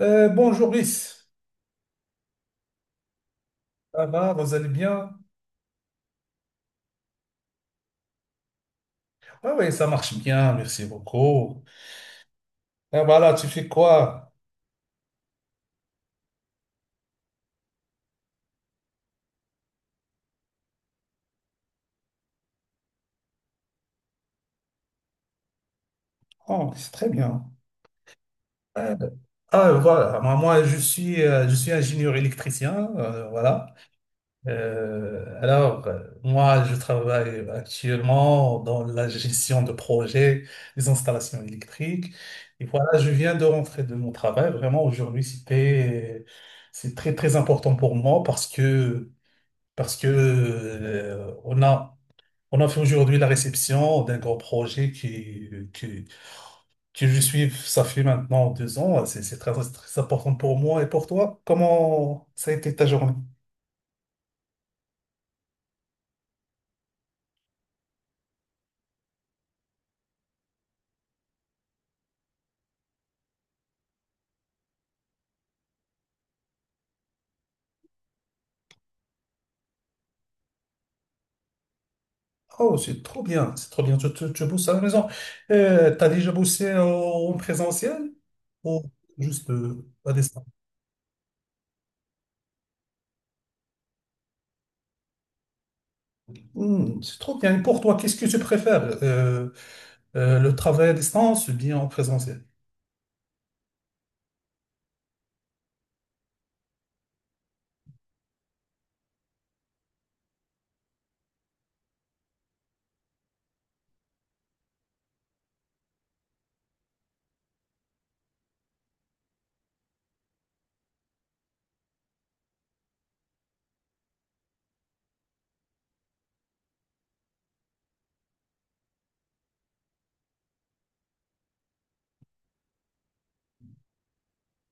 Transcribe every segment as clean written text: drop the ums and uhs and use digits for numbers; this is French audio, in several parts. Bonjour Brice, ça va, vous allez bien? Ah oui, ça marche bien, merci beaucoup. Et voilà, tu fais quoi? Oh, c'est très bien. Euh, voilà, moi, je suis ingénieur électricien, voilà. Moi, je travaille actuellement dans la gestion de projets, des installations électriques. Et voilà, je viens de rentrer de mon travail. Vraiment, aujourd'hui, c'est très, très important pour moi parce que, on a fait aujourd'hui la réception d'un grand projet qui que je suis, ça fait maintenant 2 ans. C'est très très important pour moi et pour toi. Comment ça a été ta journée? Oh, c'est trop bien, c'est trop bien. Tu bosses à la maison. T'as déjà bossé en présentiel ou juste à distance? Hmm, c'est trop bien. Et pour toi, qu'est-ce que tu préfères? Le travail à distance ou bien en présentiel?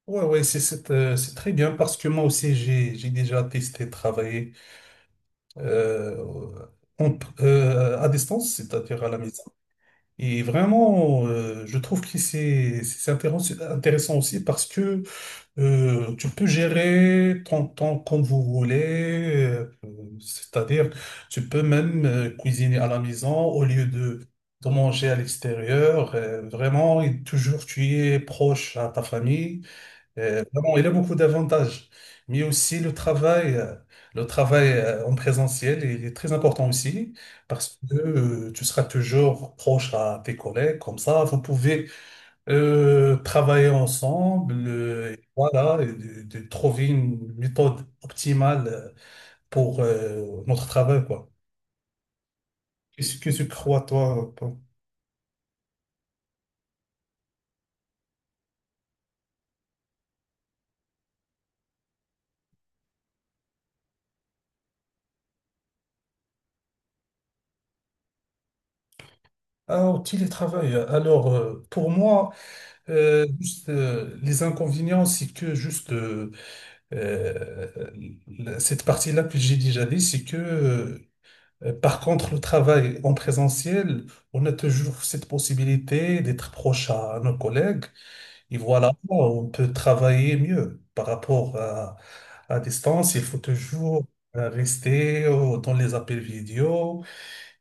Ouais, ouais, c'est très bien parce que moi aussi j'ai déjà testé travailler euh, à distance, c'est-à-dire à la maison. Et vraiment, je trouve que c'est intéressant, intéressant aussi parce que tu peux gérer ton temps comme vous voulez, c'est-à-dire tu peux même cuisiner à la maison au lieu de manger à l'extérieur. Vraiment, et toujours tu es proche à ta famille. Vraiment, il a beaucoup d'avantages, mais aussi le travail en présentiel il est très important aussi parce que tu seras toujours proche à tes collègues, comme ça vous pouvez travailler ensemble, et voilà, et de trouver une méthode optimale pour notre travail, quoi. Qu'est-ce que tu crois, toi? Paul. Ah, au télétravail. Alors, pour moi, juste, les inconvénients, c'est que juste Euh, la- cette partie-là que j'ai déjà dit, c'est que par contre, le travail en présentiel, on a toujours cette possibilité d'être proche à nos collègues et voilà, on peut travailler mieux par rapport à distance. Il faut toujours rester dans les appels vidéo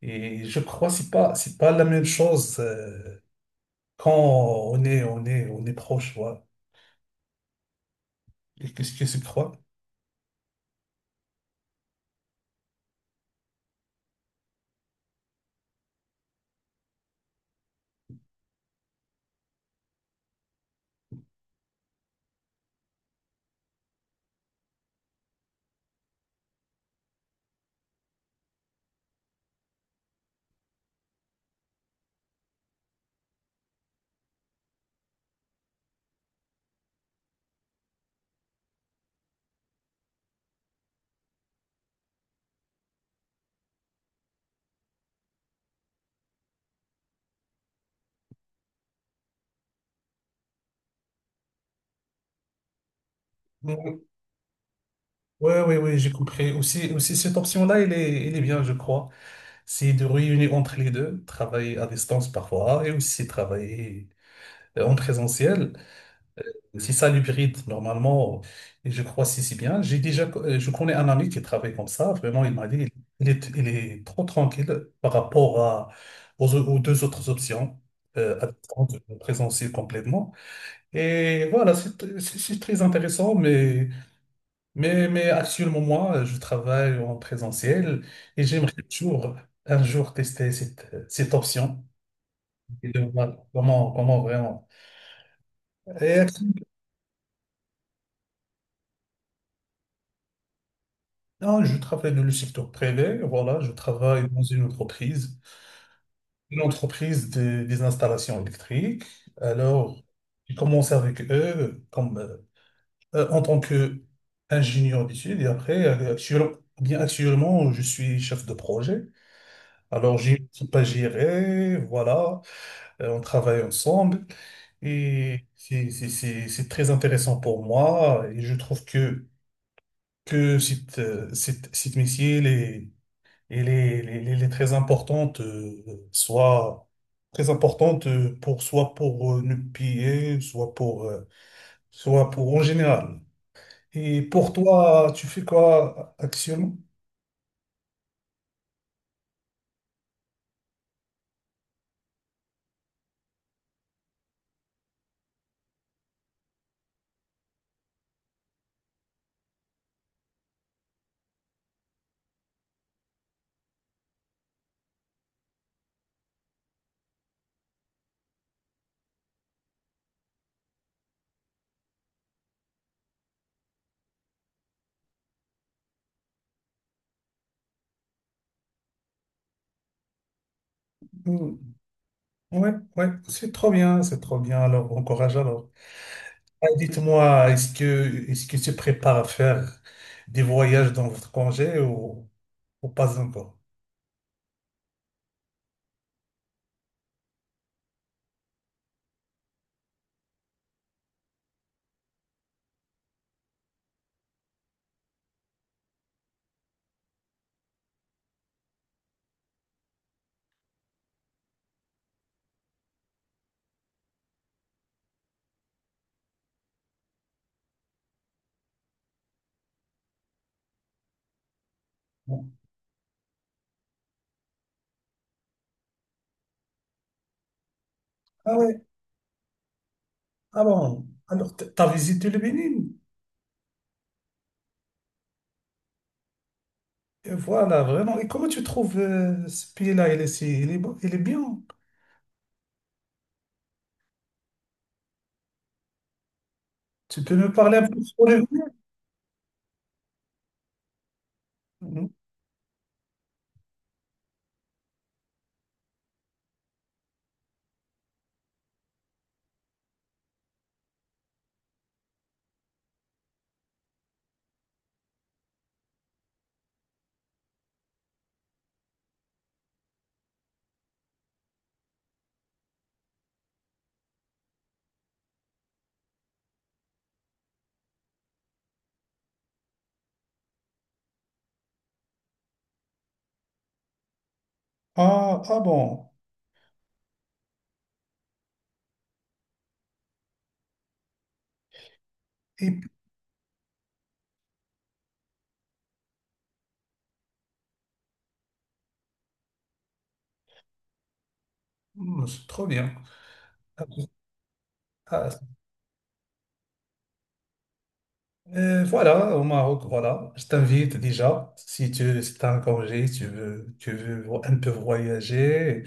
et je crois que c'est pas la même chose quand on est proche. Ouais. Qu'est-ce que c'est que trois? Oui, oui, oui, j'ai compris. Aussi, aussi cette option-là, elle est bien, je crois. C'est de réunir entre les deux, travailler à distance parfois et aussi travailler en présentiel. C'est ça l'hybride, normalement. Et je crois si, si bien. J'ai déjà, je connais un ami qui travaille comme ça. Vraiment, il m'a dit, il est trop tranquille par rapport à, aux deux autres options, à distance, en présentiel complètement. Et voilà, c'est très intéressant, mais actuellement, moi, je travaille en présentiel et j'aimerais toujours, un jour, tester cette option et de voir comment vraiment. Non, je travaille dans le secteur privé, voilà, je travaille dans une entreprise des installations électriques. Alors, j'ai commencé avec eux en tant qu'ingénieur d'études et après, actuellement, je suis chef de projet. Alors, j'ai une équipe à gérer, voilà, on travaille ensemble et c'est très intéressant pour moi et je trouve que, que cette métier, elle est très importante, soit très importante pour soit pour nous piller, soit pour en général. Et pour toi, tu fais quoi actuellement? Mm. Ouais, ouais, c'est trop bien, c'est trop bien. Alors, bon courage alors. Ah, dites-moi, est-ce que tu prépares à faire des voyages dans votre congé ou pas encore? Bon. Ah ouais, ah bon. Alors, t'as visité le Bénin? Et voilà, vraiment. Et comment tu trouves ce pays-là? Il est, si- il est, bon- Il est bien. Tu peux me parler un peu sur le... Mhm. Ah, ah bon. Et, puis, hmm, c'est trop bien. Ah, voilà, au Maroc, voilà. Je t'invite déjà. Si tu as un congé, si tu veux, un peu voyager.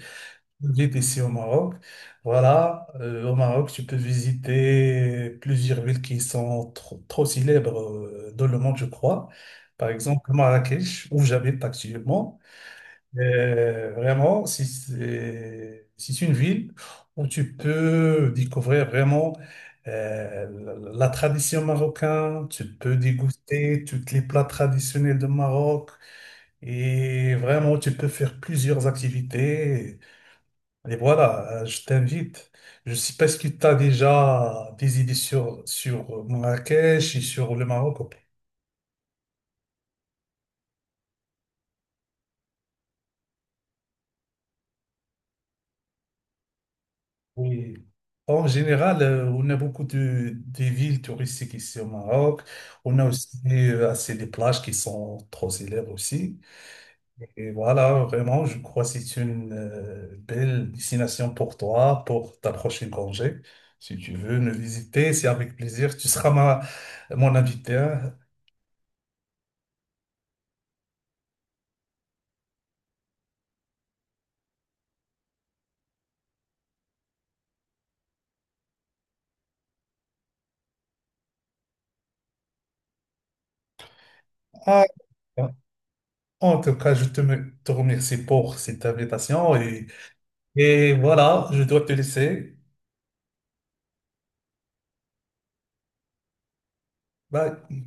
J'habite ici au Maroc. Voilà, au Maroc, tu peux visiter plusieurs villes qui sont trop, trop célèbres dans le monde, je crois. Par exemple, Marrakech, où j'habite actuellement. Vraiment, si c'est une ville où tu peux découvrir vraiment euh, la tradition marocaine, tu peux déguster tous les plats traditionnels de Maroc. Et vraiment, tu peux faire plusieurs activités. Et voilà, je t'invite. Je sais pas si tu as déjà des idées sur Marrakech et sur le Maroc. Oui. En général, on a beaucoup de, des villes touristiques ici au Maroc. On a aussi assez des plages qui sont trop célèbres aussi. Et voilà, vraiment, je crois que c'est une belle destination pour toi, pour ta prochaine congé. Si tu veux nous visiter, c'est avec plaisir. Tu seras ma, mon invité, hein. Ah, en tout cas, te remercie pour cette invitation et voilà, je dois te laisser. Bye.